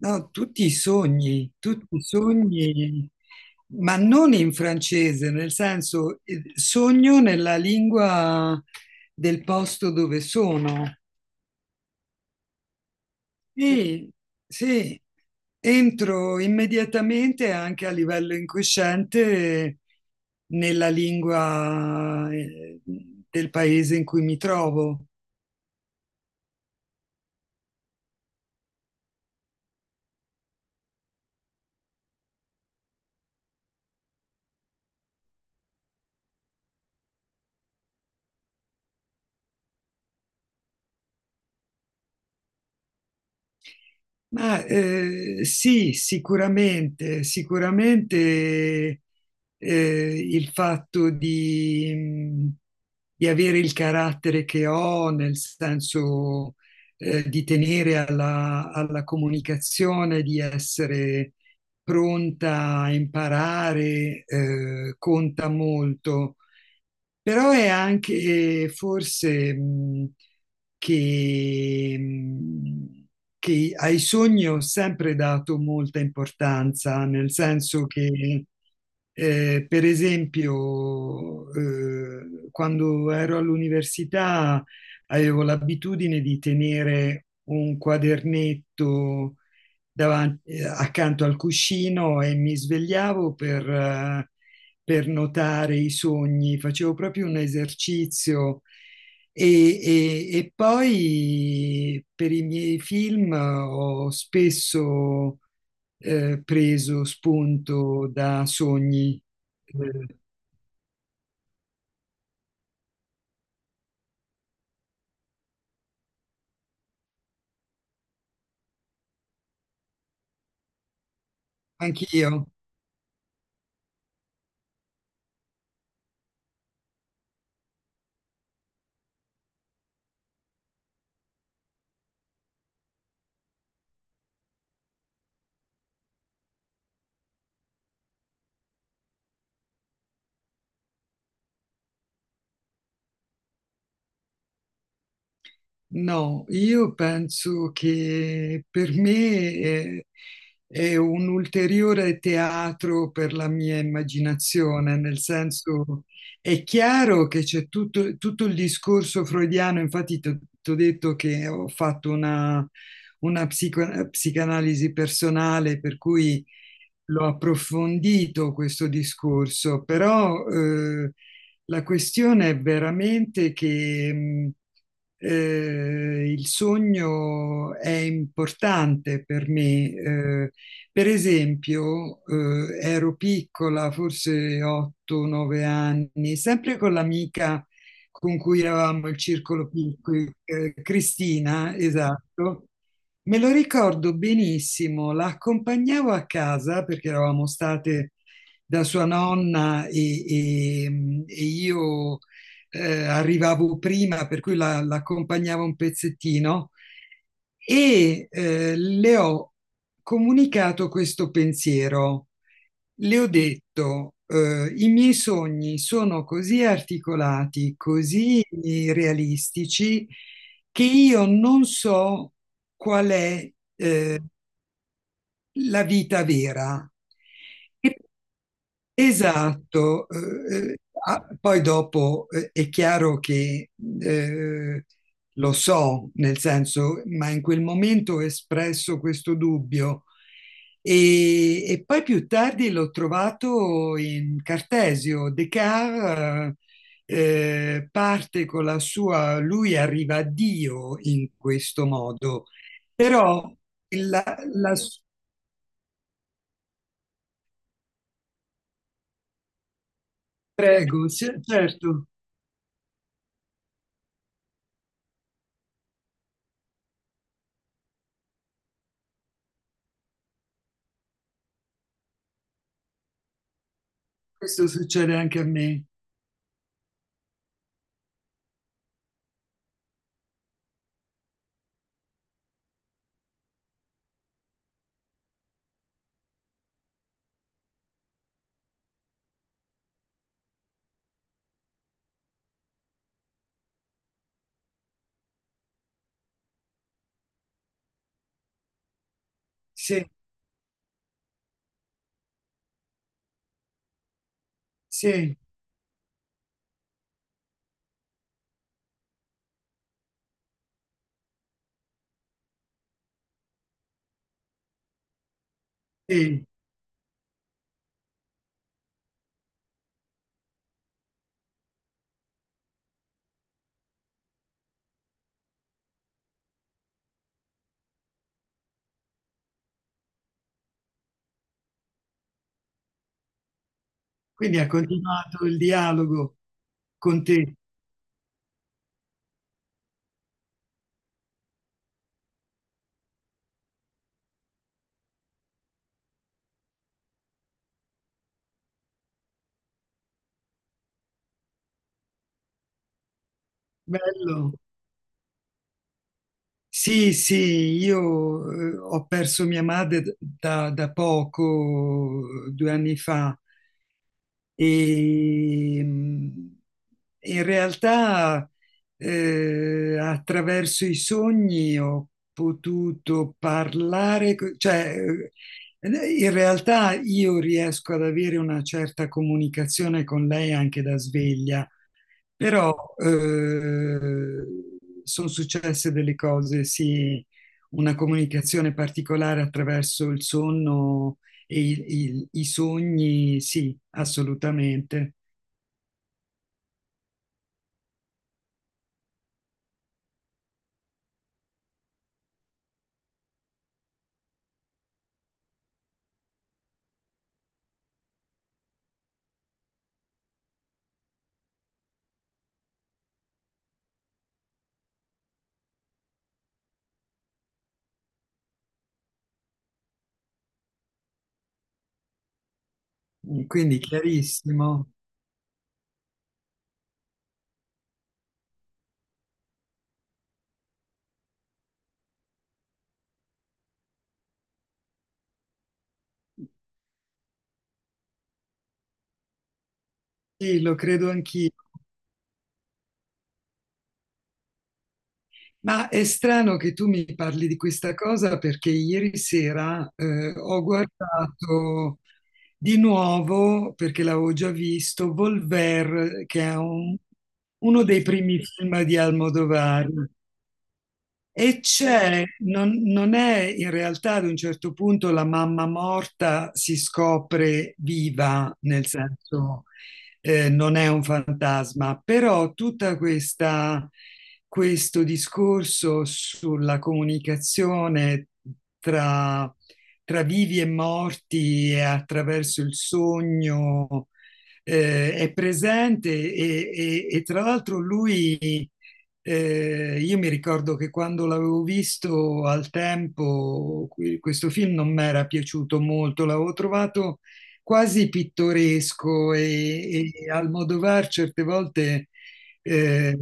No, tutti i sogni, ma non in francese, nel senso sogno nella lingua del posto dove sono. E sì, entro immediatamente anche a livello incosciente nella lingua del paese in cui mi trovo. Sì, sicuramente, sicuramente il fatto di avere il carattere che ho, nel senso di tenere alla comunicazione, di essere pronta a imparare, conta molto. Però è anche forse che, mh, che ai sogni ho sempre dato molta importanza, nel senso che, per esempio, quando ero all'università avevo l'abitudine di tenere un quadernetto accanto al cuscino e mi svegliavo per notare i sogni, facevo proprio un esercizio e, e poi per i miei film ho spesso preso spunto da sogni, eh, anch'io. No, io penso che per me è un ulteriore teatro per la mia immaginazione, nel senso è chiaro che c'è tutto, tutto il discorso freudiano, infatti ti ho detto che ho fatto una psicanalisi personale, per cui l'ho approfondito questo discorso, però la questione è veramente che il sogno è importante per me. Per esempio, ero piccola, forse 8-9 anni, sempre con l'amica con cui eravamo il circolo piccolo, Cristina, esatto. Me lo ricordo benissimo, la accompagnavo a casa perché eravamo state da sua nonna e, e io arrivavo prima, per cui l'accompagnavo un pezzettino e le ho comunicato questo pensiero. Le ho detto, i miei sogni sono così articolati, così realistici, che io non so qual è la vita vera. E esatto, poi dopo è chiaro che eh, lo so, nel senso, ma in quel momento ho espresso questo dubbio e poi più tardi l'ho trovato in Cartesio. Descartes parte con la sua, lui arriva a Dio in questo modo, però la, la- prego, sì, certo, questo succede anche a me. Sì, sì, sì. Quindi ha continuato il dialogo con te. Bello. Sì, sì, io ho perso mia madre da, da poco, 2 anni fa. E in realtà, attraverso i sogni ho potuto parlare, cioè, eh, in realtà io riesco ad avere una certa comunicazione con lei anche da sveglia. Però sono successe delle cose, sì, una comunicazione particolare attraverso il sonno e i sogni, sì, assolutamente. Quindi chiarissimo. Sì, lo credo anch'io. Ma è strano che tu mi parli di questa cosa perché ieri sera ho guardato di nuovo, perché l'avevo già visto, Volver, che è un- uno dei primi film di Almodovar. E c'è, non, non è in realtà ad un certo punto la mamma morta si scopre viva, nel senso non è un fantasma, però tutta questa, questo discorso sulla comunicazione tra, tra vivi e morti e attraverso il sogno è presente e tra l'altro lui io mi ricordo che quando l'avevo visto al tempo, questo film non mi era piaciuto molto, l'avevo trovato quasi pittoresco e Almodovar certe volte sì.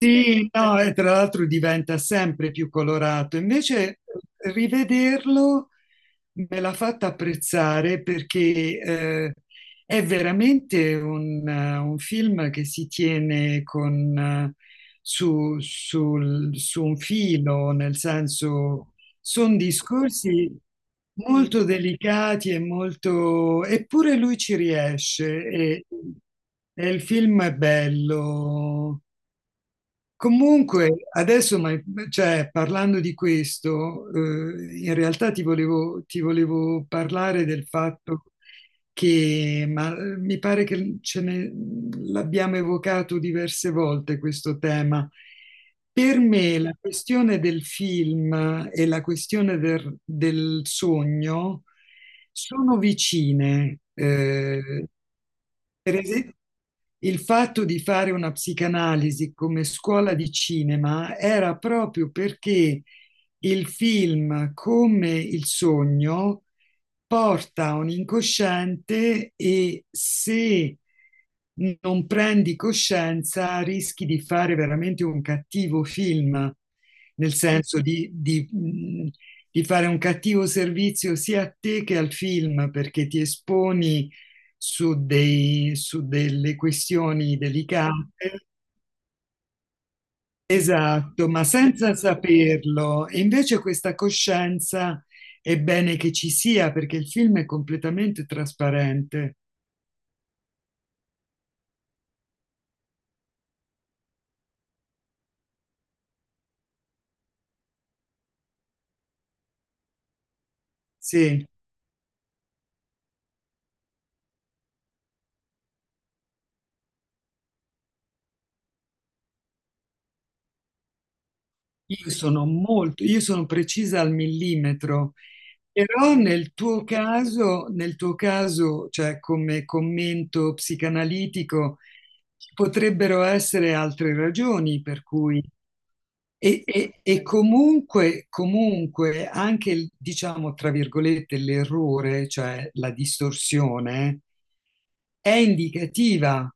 Sì, no, e tra l'altro diventa sempre più colorato. Invece rivederlo me l'ha fatta apprezzare perché è veramente un film che si tiene con, su un filo, nel senso sono discorsi molto delicati e molto eppure lui ci riesce e il film è bello. Comunque, adesso, ma cioè, parlando di questo, in realtà ti volevo parlare del fatto che, mi pare che ce ne l'abbiamo evocato diverse volte questo tema. Per me la questione del film e la questione del sogno sono vicine. Eh, per esempio, il fatto di fare una psicanalisi come scuola di cinema era proprio perché il film, come il sogno, porta a un incosciente e se non prendi coscienza rischi di fare veramente un cattivo film, nel senso di fare un cattivo servizio sia a te che al film, perché ti esponi su delle questioni delicate, esatto, ma senza saperlo. E invece questa coscienza è bene che ci sia perché il film è completamente trasparente. Sì, io sono precisa al millimetro. Però nel tuo caso, cioè come commento psicanalitico, ci potrebbero essere altre ragioni per cui e, e comunque, comunque anche il, diciamo, tra virgolette, l'errore, cioè la distorsione, è indicativa.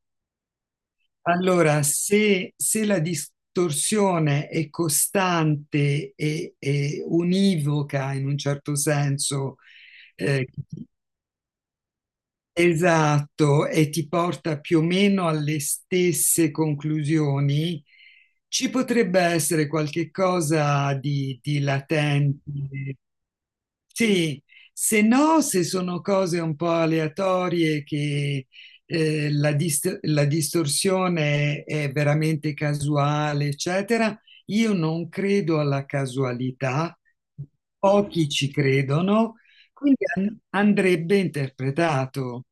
Allora, se, se la distorsione è costante e univoca in un certo senso, eh, esatto, e ti porta più o meno alle stesse conclusioni. Ci potrebbe essere qualche cosa di latente. Sì, se no, se sono cose un po' aleatorie che la distorsione è veramente casuale, eccetera, io non credo alla casualità, pochi ci credono, quindi andrebbe interpretato.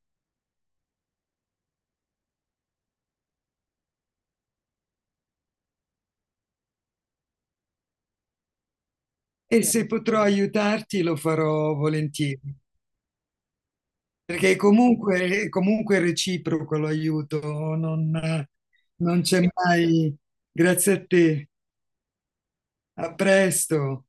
E se potrò aiutarti lo farò volentieri, perché comunque, comunque è reciproco l'aiuto, non, non c'è mai. Grazie a te, a presto.